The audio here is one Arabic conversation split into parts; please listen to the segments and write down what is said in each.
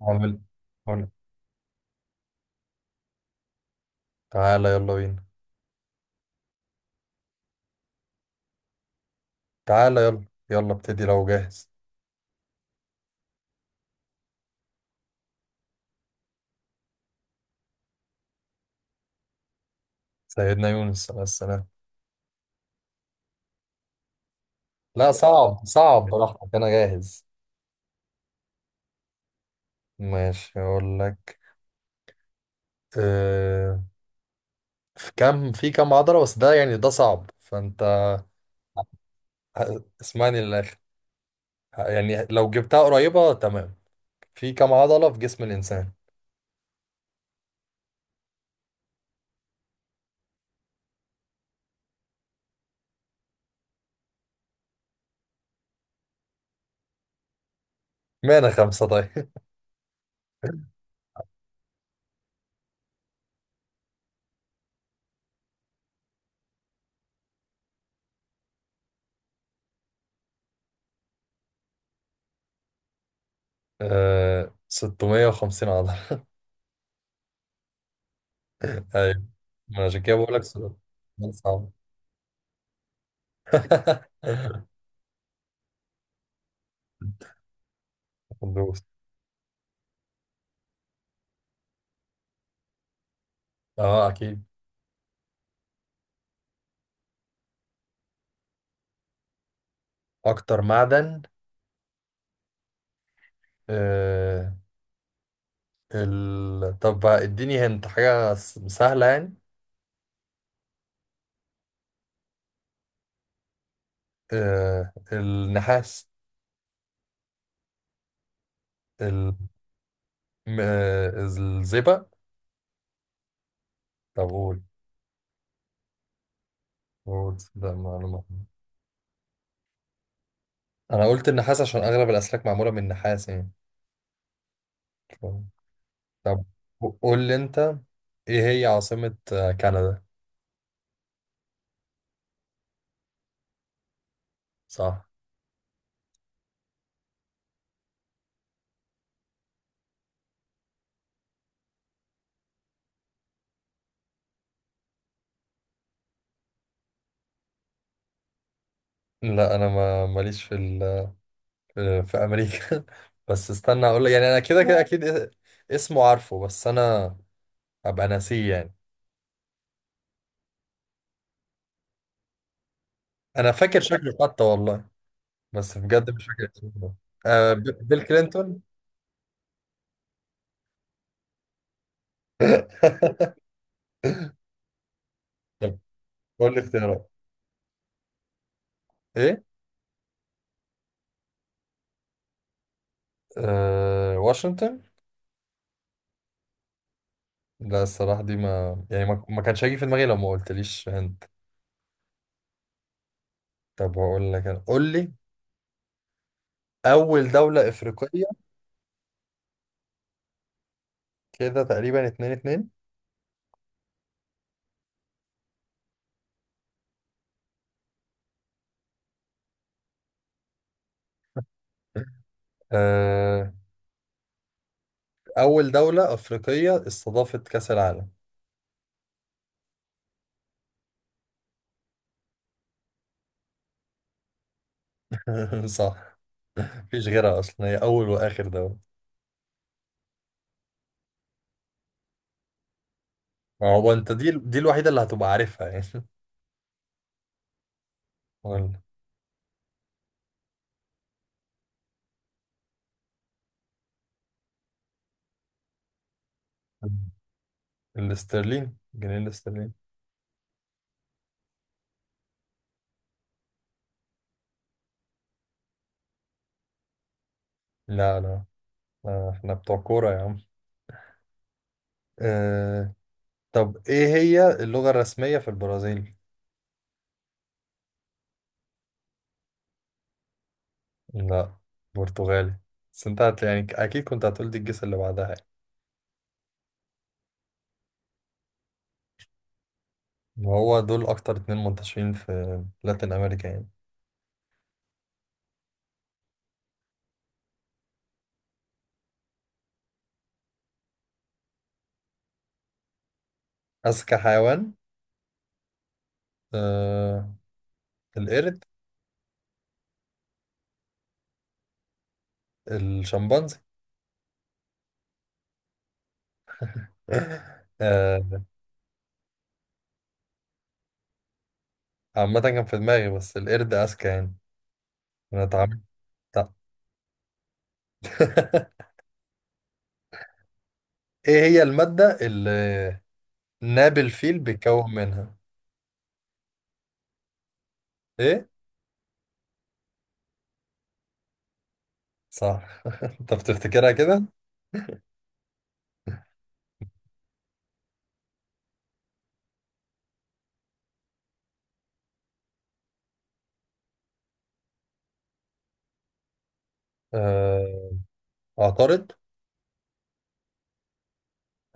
عامل. قول. تعالى يلا بينا. تعالى يلا. يلا ابتدي لو جاهز. سيدنا يونس عليه السلام. لا، صعب صعب، براحتك، انا جاهز. ماشي، اقول لك. أه... في كام عضلة، بس ده يعني ده صعب، فانت اسمعني للاخر. يعني لو جبتها قريبة تمام. في كام عضلة في جسم الانسان؟ مانا خمسة طيب. 650 عضلة. ايوه. ما أنا عشان كده بقول لك صعب. صعب. دوس. اه اكيد. اكتر معدن. آه طب بقى اديني هنت حاجة سهلة يعني. النحاس. ال... الزئبق. طب قول. قول ده معلومة. انا قلت النحاس عشان اغلب الاسلاك معمولة من النحاس يعني. ف- طب قول لي انت. ايه هي عاصمة كندا؟ صح. لا، انا ما ماليش في في امريكا. بس استنى اقول لك، يعني انا كده كده اكيد اسمه عارفه، بس انا ابقى ناسيه يعني. انا فاكر شكله حتى. والله بس بجد مش فاكر اسمه. آه ب- بيل كلينتون. طب قول لي اختيارات ايه. واشنطن. لا، الصراحه دي ما يعني، ما كانش هيجي في دماغي لو ما قلتليش هند. طب هقول لك انا، قول لي، اول دوله افريقيه. كده تقريبا اتنين اتنين. آه اول دوله افريقيه استضافت كاس العالم. صح. مفيش غيرها اصلا، هي اول واخر دوله. ما هو انت دي الوحيده اللي هتبقى عارفها يعني. ولا الاسترليني، جنيه الاسترليني. لا لا، احنا بتوع كورة يا عم. آه. طب ايه هي اللغة الرسمية في البرازيل؟ لا، برتغالي. بس انت يعني اكيد كنت هتقول دي الجيس اللي بعدها يعني. وهو دول اكتر اتنين منتشرين في لاتين امريكا يعني. اذكى حيوان. آه. القرد. الشمبانزي. آه. عامة كان في دماغي، بس القرد اذكى يعني. انا اتعاملت. ايه هي المادة اللي نابل فيل بيتكون منها؟ ايه. صح. انت بتفتكرها كده. آه، اعترض.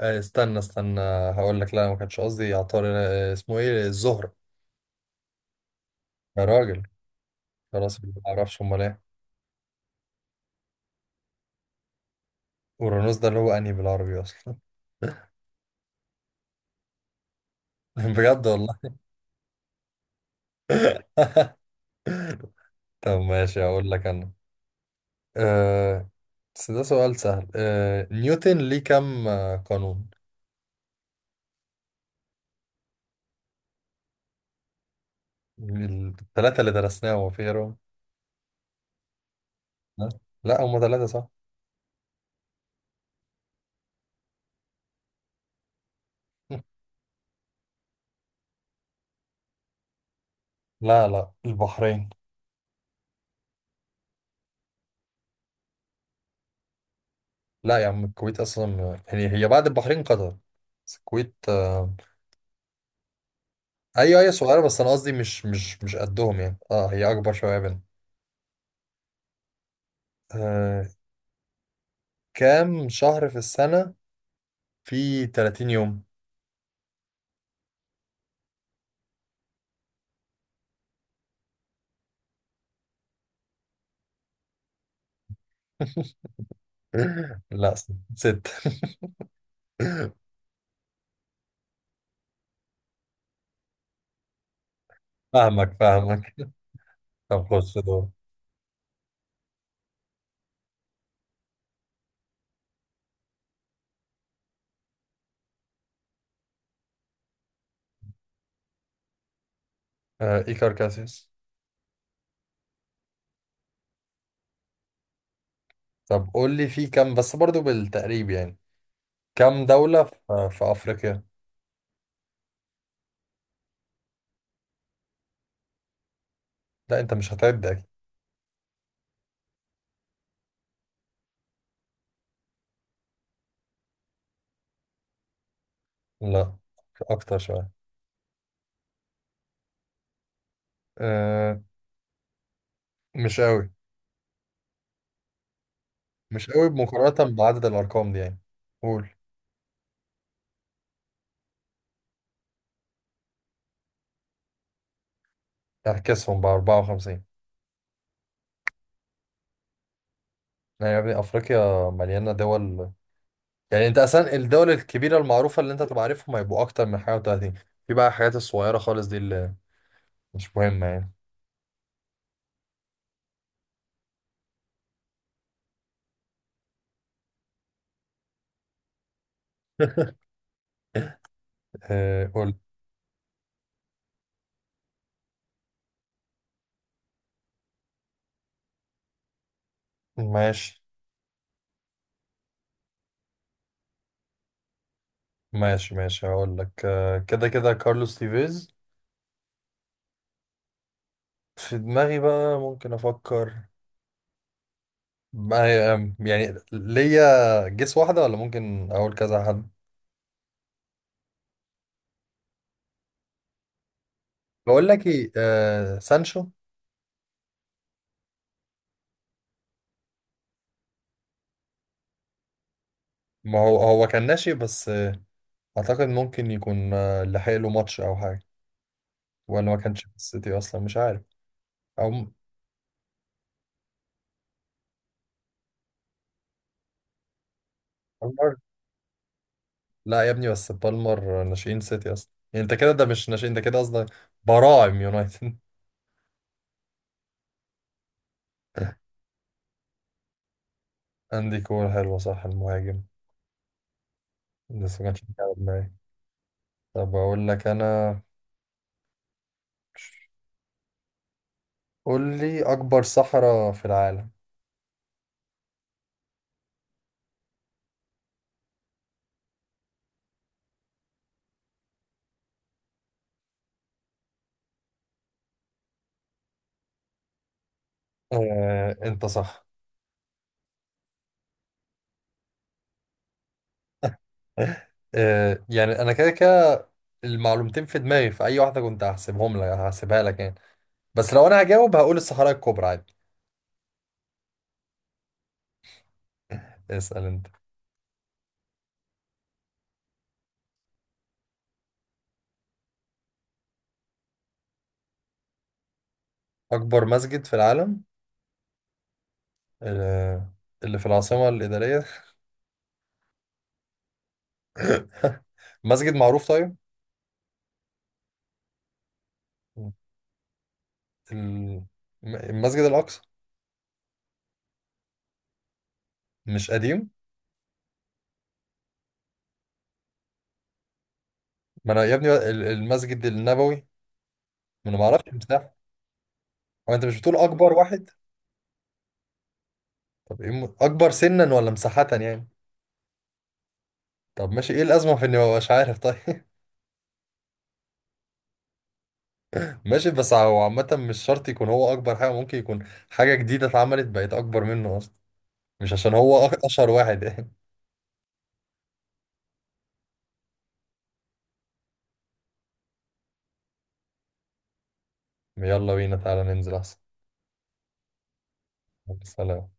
استنى استنى هقول لك. لا ما كانش قصدي اعترض. اسمه ايه؟ الزهرة؟ يا راجل، خلاص ما اعرفش. امال ايه؟ اورانوس ده اللي هو انهي بالعربي اصلا. بجد والله. طب ماشي، هقول لك انا. آه، بس ده سؤال سهل. نيوتن ليه كم قانون؟ الثلاثة اللي درسناهم، ما في غيرهم. ها؟ لا، هم ثلاثة صح. لا لا، البحرين. لا يا عم، الكويت اصلا يعني هي بعد البحرين، قطر. بس الكويت، ايوه، هي صغيره، بس انا قصدي، مش مش قدهم يعني. اه هي اكبر شويه بينا. آه. كام شهر في السنه في 30 يوم؟ لا. ست. فاهمك فاهمك. طب خش دور. ايكار كاسيوس. طب قول لي في كام، بس برضو بالتقريب يعني. كام دولة في أفريقيا؟ لا، أنت مش هتعد أكيد. لا، أكتر شوية. آه، مش قوي. مش قوي مقارنة بعدد الأرقام دي يعني. قول. اعكسهم، ب 54. يعني يا ابني، أفريقيا مليانة دول. يعني أنت أصلا الدول الكبيرة المعروفة اللي أنت تبقى عارفهم هيبقوا أكتر من حاجة و30. في بقى الحاجات الصغيرة خالص دي اللي مش مهمة يعني. قول. ماشي، ماشي، ماشي هقول لك كده كده كارلوس تيفيز. في دماغي بقى ممكن أفكر. يعني ليا جيس واحدة، ولا ممكن أقول كذا حد. بقول لك إيه، سانشو. ما هو هو كان ناشئ بس، اعتقد ممكن يكون لحق له ماتش او حاجه. ولا ما كانش في السيتي اصلا، مش عارف. او بالمر. لا يا ابني، بس بالمر ناشئين سيتي اصلا، يعني انت كده ده مش ناشئين، ده كده قصدك براعم يونايتد. عندي كورة حلوة صح، المهاجم. بس ما كانش بيجي على دماغي. طب اقول لك انا، قول لي، اكبر صحراء في العالم. انت صح. يعني انا كده كده المعلومتين في دماغي، في اي واحده كنت هحسبهم لك، هحسبها لك يعني. بس لو انا هجاوب، هقول الصحراء الكبرى عادي. اسأل انت. اكبر مسجد في العالم. آه، اللي في العاصمة الإدارية. مسجد معروف طيب. ال- المسجد الأقصى. مش قديم؟ ما انا يا ابني المسجد النبوي. ما انا ما اعرفش مساحة. هو انت مش بتقول اكبر واحد؟ طب ايه اكبر سنا ولا مساحة يعني؟ طب ماشي. ايه الأزمة في اني ما ببقاش عارف طيب؟ ماشي، بس هو عامة مش شرط يكون هو اكبر حاجة، ممكن يكون حاجة جديدة اتعملت، بقت اكبر منه اصلا. مش عشان هو اشهر واحد. يلا بينا، تعالى ننزل احسن. سلام.